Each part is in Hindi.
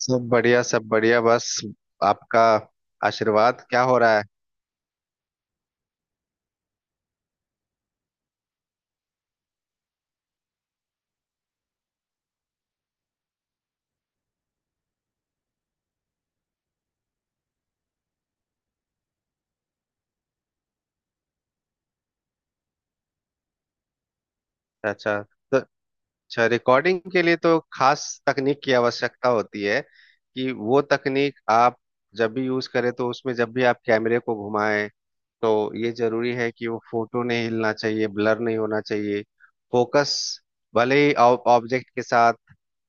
सब बढ़िया सब बढ़िया। बस आपका आशीर्वाद। क्या हो रहा है अच्छा। तो अच्छा, रिकॉर्डिंग के लिए तो खास तकनीक की आवश्यकता होती है। कि वो तकनीक आप जब भी यूज करें, तो उसमें जब भी आप कैमरे को घुमाएं तो ये जरूरी है कि वो फोटो नहीं हिलना चाहिए, ब्लर नहीं होना चाहिए। फोकस भले ही ऑब्जेक्ट के साथ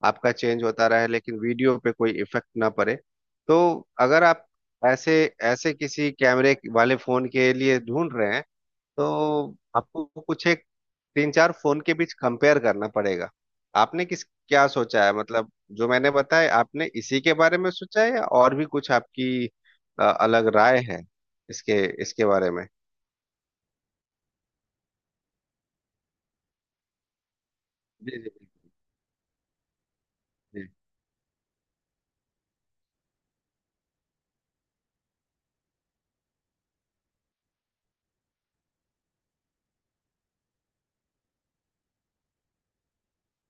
आपका चेंज होता रहे, लेकिन वीडियो पे कोई इफेक्ट ना पड़े। तो अगर आप ऐसे ऐसे किसी कैमरे वाले फोन के लिए ढूंढ रहे हैं, तो आपको कुछ एक तीन चार फोन के बीच कंपेयर करना पड़ेगा। आपने किस क्या सोचा है मतलब जो मैंने बताया आपने इसी के बारे में सोचा है, या और भी कुछ आपकी अलग राय है इसके इसके बारे में। जी जी जी। जी।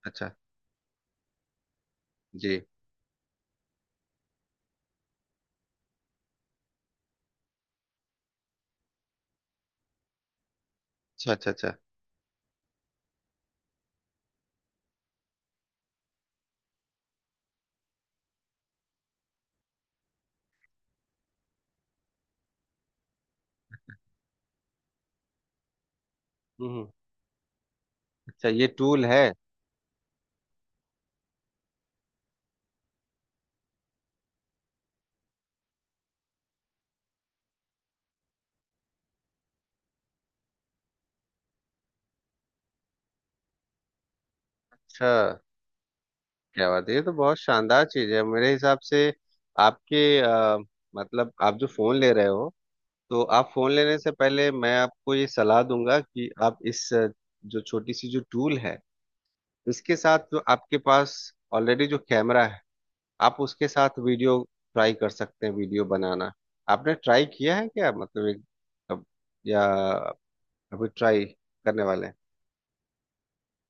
अच्छा। जी। अच्छा अच्छा अच्छा। हम्म। अच्छा, ये टूल है। अच्छा, क्या बात है, ये तो बहुत शानदार चीज है मेरे हिसाब से। आपके मतलब आप जो फोन ले रहे हो, तो आप फोन लेने से पहले मैं आपको ये सलाह दूंगा कि आप इस जो छोटी सी जो टूल है, इसके साथ जो आपके पास ऑलरेडी जो कैमरा है, आप उसके साथ वीडियो ट्राई कर सकते हैं, वीडियो बनाना। आपने ट्राई किया है क्या मतलब एक अब या अभी ट्राई करने वाले हैं?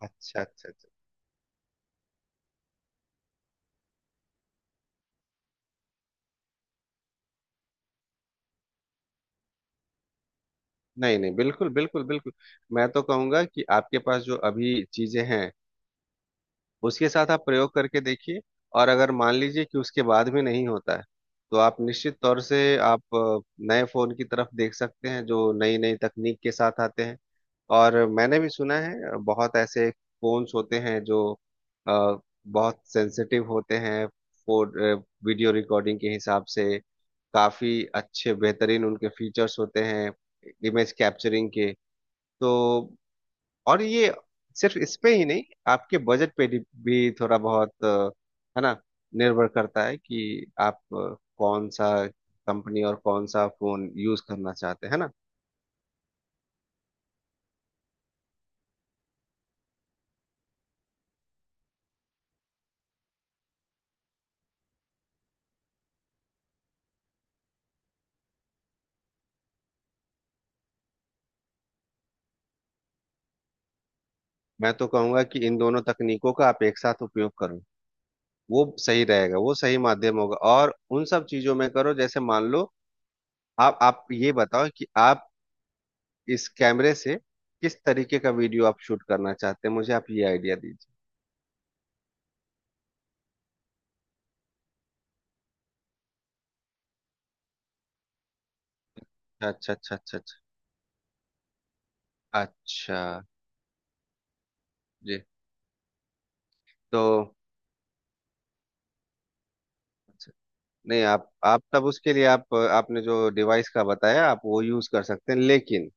अच्छा अच्छा अच्छा। नहीं नहीं, बिल्कुल बिल्कुल बिल्कुल। मैं तो कहूंगा कि आपके पास जो अभी चीजें हैं, उसके साथ आप प्रयोग करके देखिए। और अगर मान लीजिए कि उसके बाद भी नहीं होता है, तो आप निश्चित तौर से आप नए फोन की तरफ देख सकते हैं, जो नई नई तकनीक के साथ आते हैं। और मैंने भी सुना है बहुत ऐसे फोन्स होते हैं जो अ, बहुत सेंसिटिव होते हैं फोन, वीडियो रिकॉर्डिंग के हिसाब से। काफी अच्छे बेहतरीन उनके फीचर्स होते हैं, इमेज कैप्चरिंग के। तो और ये सिर्फ इस पे ही नहीं, आपके बजट पे भी थोड़ा बहुत है ना, निर्भर करता है कि आप कौन सा कंपनी और कौन सा फोन यूज करना चाहते हैं, है ना। मैं तो कहूंगा कि इन दोनों तकनीकों का आप एक साथ उपयोग करो, वो सही रहेगा, वो सही माध्यम होगा। और उन सब चीजों में करो, जैसे मान लो आप ये बताओ कि आप इस कैमरे से किस तरीके का वीडियो आप शूट करना चाहते हैं, मुझे आप ये आइडिया दीजिए। अच्छा अच्छा अच्छा अच्छा। अच्छा। जी। तो नहीं, आप तब उसके लिए आप आपने जो डिवाइस का बताया, आप वो यूज कर सकते हैं। लेकिन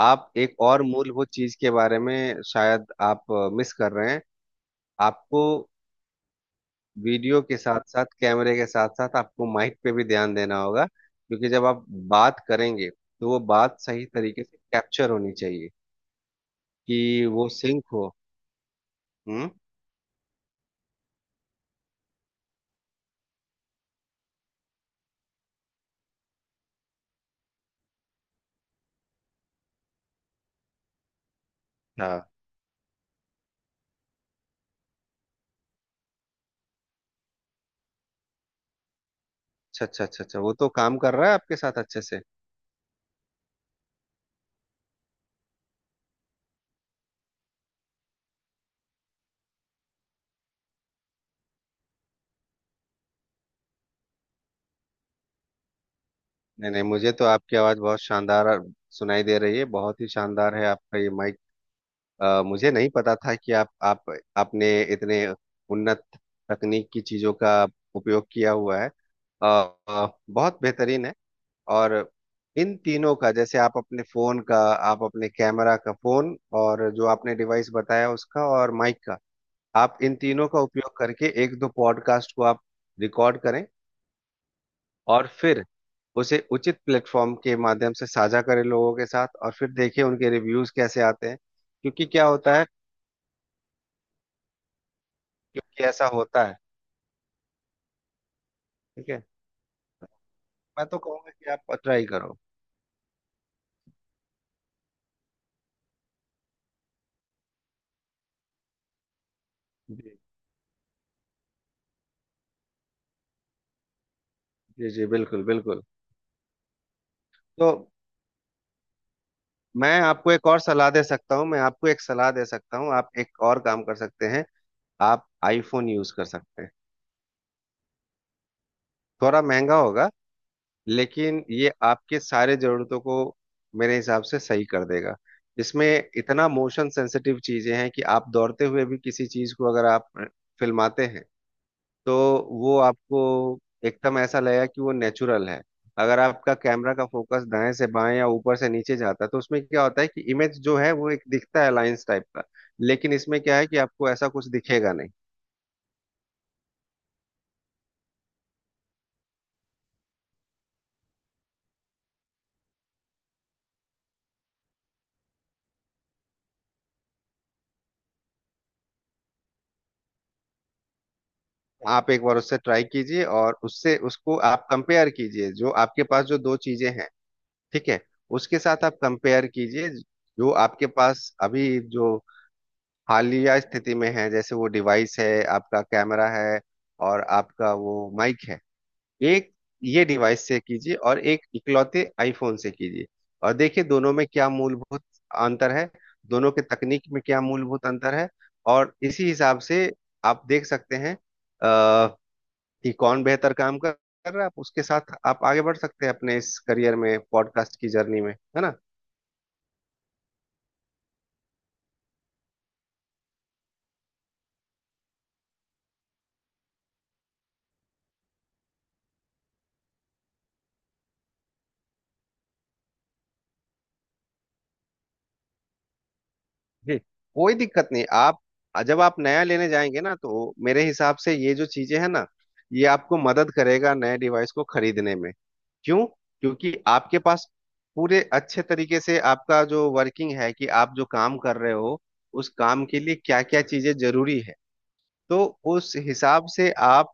आप एक और मूलभूत चीज के बारे में शायद आप मिस कर रहे हैं। आपको वीडियो के साथ साथ, कैमरे के साथ साथ आपको माइक पे भी ध्यान देना होगा, क्योंकि जब आप बात करेंगे तो वो बात सही तरीके से कैप्चर होनी चाहिए, कि वो सिंक हो। हम्म। हाँ। अच्छा अच्छा अच्छा अच्छा, वो तो काम कर रहा है आपके साथ अच्छे से। नहीं नहीं, मुझे तो आपकी आवाज बहुत शानदार और सुनाई दे रही है, बहुत ही शानदार है आपका ये माइक। मुझे नहीं पता था कि आप आपने इतने उन्नत तकनीक की चीजों का उपयोग किया हुआ है। अ, बहुत बेहतरीन है। और इन तीनों का, जैसे आप अपने फोन का, आप अपने कैमरा का फोन और जो आपने डिवाइस बताया उसका और माइक का, आप इन तीनों का उपयोग करके एक दो पॉडकास्ट को आप रिकॉर्ड करें। और फिर उसे उचित प्लेटफॉर्म के माध्यम से साझा करें लोगों के साथ, और फिर देखें उनके रिव्यूज कैसे आते हैं। क्योंकि क्या होता है, क्योंकि ऐसा होता है, ठीक है। मैं तो कहूँगा कि आप ट्राई करो। जी जी जी, बिल्कुल बिल्कुल। तो मैं आपको एक और सलाह दे सकता हूँ, मैं आपको एक सलाह दे सकता हूँ, आप एक और काम कर सकते हैं। आप आईफोन यूज कर सकते हैं। थोड़ा महंगा होगा, लेकिन ये आपके सारे जरूरतों को मेरे हिसाब से सही कर देगा। इसमें इतना मोशन सेंसिटिव चीजें हैं कि आप दौड़ते हुए भी किसी चीज को अगर आप फिल्माते हैं, तो वो आपको एकदम ऐसा लगेगा कि वो नेचुरल है। अगर आपका कैमरा का फोकस दाएं से बाएं या ऊपर से नीचे जाता है, तो उसमें क्या होता है कि इमेज जो है वो एक दिखता है लाइंस टाइप का। लेकिन इसमें क्या है कि आपको ऐसा कुछ दिखेगा नहीं। आप एक बार उससे ट्राई कीजिए, और उससे उसको आप कंपेयर कीजिए जो आपके पास जो दो चीजें हैं, ठीक है, उसके साथ आप कंपेयर कीजिए। जो आपके पास अभी जो हालिया स्थिति में है, जैसे वो डिवाइस है, आपका कैमरा है और आपका वो माइक है, एक ये डिवाइस से कीजिए और एक इकलौते आईफोन से कीजिए। और देखिए दोनों में क्या मूलभूत अंतर है, दोनों के तकनीक में क्या मूलभूत अंतर है। और इसी हिसाब से आप देख सकते हैं कि कौन बेहतर काम कर कर रहा है, आप उसके साथ आप आगे बढ़ सकते हैं अपने इस करियर में, पॉडकास्ट की जर्नी में, है ना। जी, कोई दिक्कत नहीं। आप जब आप नया लेने जाएंगे ना, तो मेरे हिसाब से ये जो चीजें हैं ना, ये आपको मदद करेगा नए डिवाइस को खरीदने में। क्यों, क्योंकि आपके पास पूरे अच्छे तरीके से आपका जो वर्किंग है कि आप जो काम कर रहे हो, उस काम के लिए क्या क्या चीजें जरूरी है। तो उस हिसाब से आप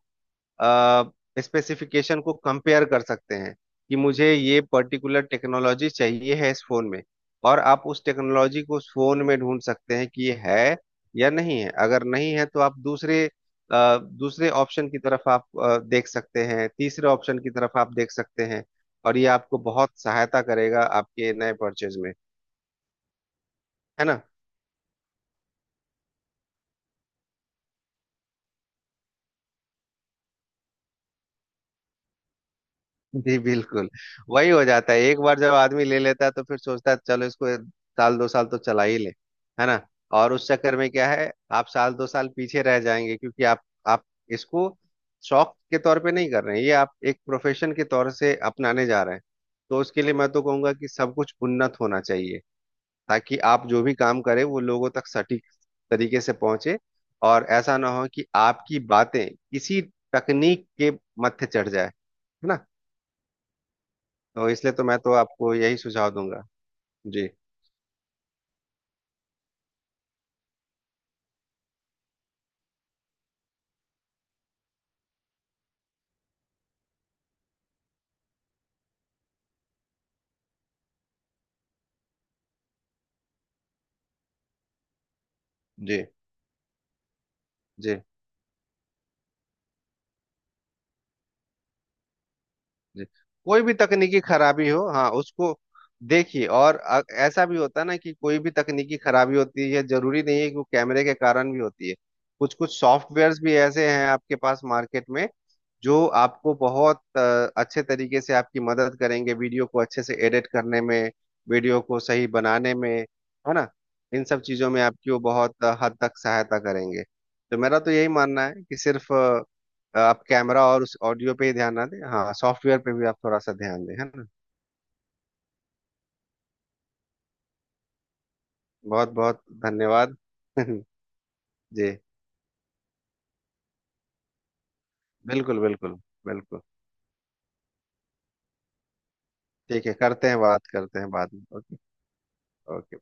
स्पेसिफिकेशन को कंपेयर कर सकते हैं, कि मुझे ये पर्टिकुलर टेक्नोलॉजी चाहिए है इस फोन में। और आप उस टेक्नोलॉजी को उस फोन में ढूंढ सकते हैं कि ये है या नहीं है। अगर नहीं है तो आप दूसरे दूसरे ऑप्शन की तरफ आप देख सकते हैं, तीसरे ऑप्शन की तरफ आप देख सकते हैं। और ये आपको बहुत सहायता करेगा आपके नए परचेज में, है ना। जी बिल्कुल। वही हो जाता है, एक बार जब आदमी ले लेता है तो फिर सोचता है चलो इसको एक साल दो साल तो चला ही ले, है ना। और उस चक्कर में क्या है, आप साल दो साल पीछे रह जाएंगे, क्योंकि आप इसको शौक के तौर पे नहीं कर रहे हैं, ये आप एक प्रोफेशन के तौर से अपनाने जा रहे हैं। तो उसके लिए मैं तो कहूंगा कि सब कुछ उन्नत होना चाहिए, ताकि आप जो भी काम करें वो लोगों तक सटीक तरीके से पहुंचे। और ऐसा ना हो कि आपकी बातें किसी तकनीक के मत्थे चढ़ जाए, है ना। तो इसलिए तो मैं तो आपको यही सुझाव दूंगा। जी जी जी। जी, कोई भी तकनीकी खराबी हो, हाँ उसको देखिए। और ऐसा भी होता है ना कि कोई भी तकनीकी खराबी होती है, जरूरी नहीं है कि वो कैमरे के कारण भी होती है। कुछ कुछ सॉफ्टवेयर्स भी ऐसे हैं आपके पास मार्केट में, जो आपको बहुत अच्छे तरीके से आपकी मदद करेंगे वीडियो को अच्छे से एडिट करने में, वीडियो को सही बनाने में, है ना। इन सब चीज़ों में आपकी वो बहुत हद तक सहायता करेंगे। तो मेरा तो यही मानना है कि सिर्फ आप कैमरा और उस ऑडियो पे ही ध्यान ना दें, हाँ सॉफ्टवेयर पे भी आप थोड़ा सा ध्यान दें, है ना। बहुत बहुत धन्यवाद। जी बिल्कुल बिल्कुल बिल्कुल। ठीक है, करते हैं बात, करते हैं बाद में। Okay okay.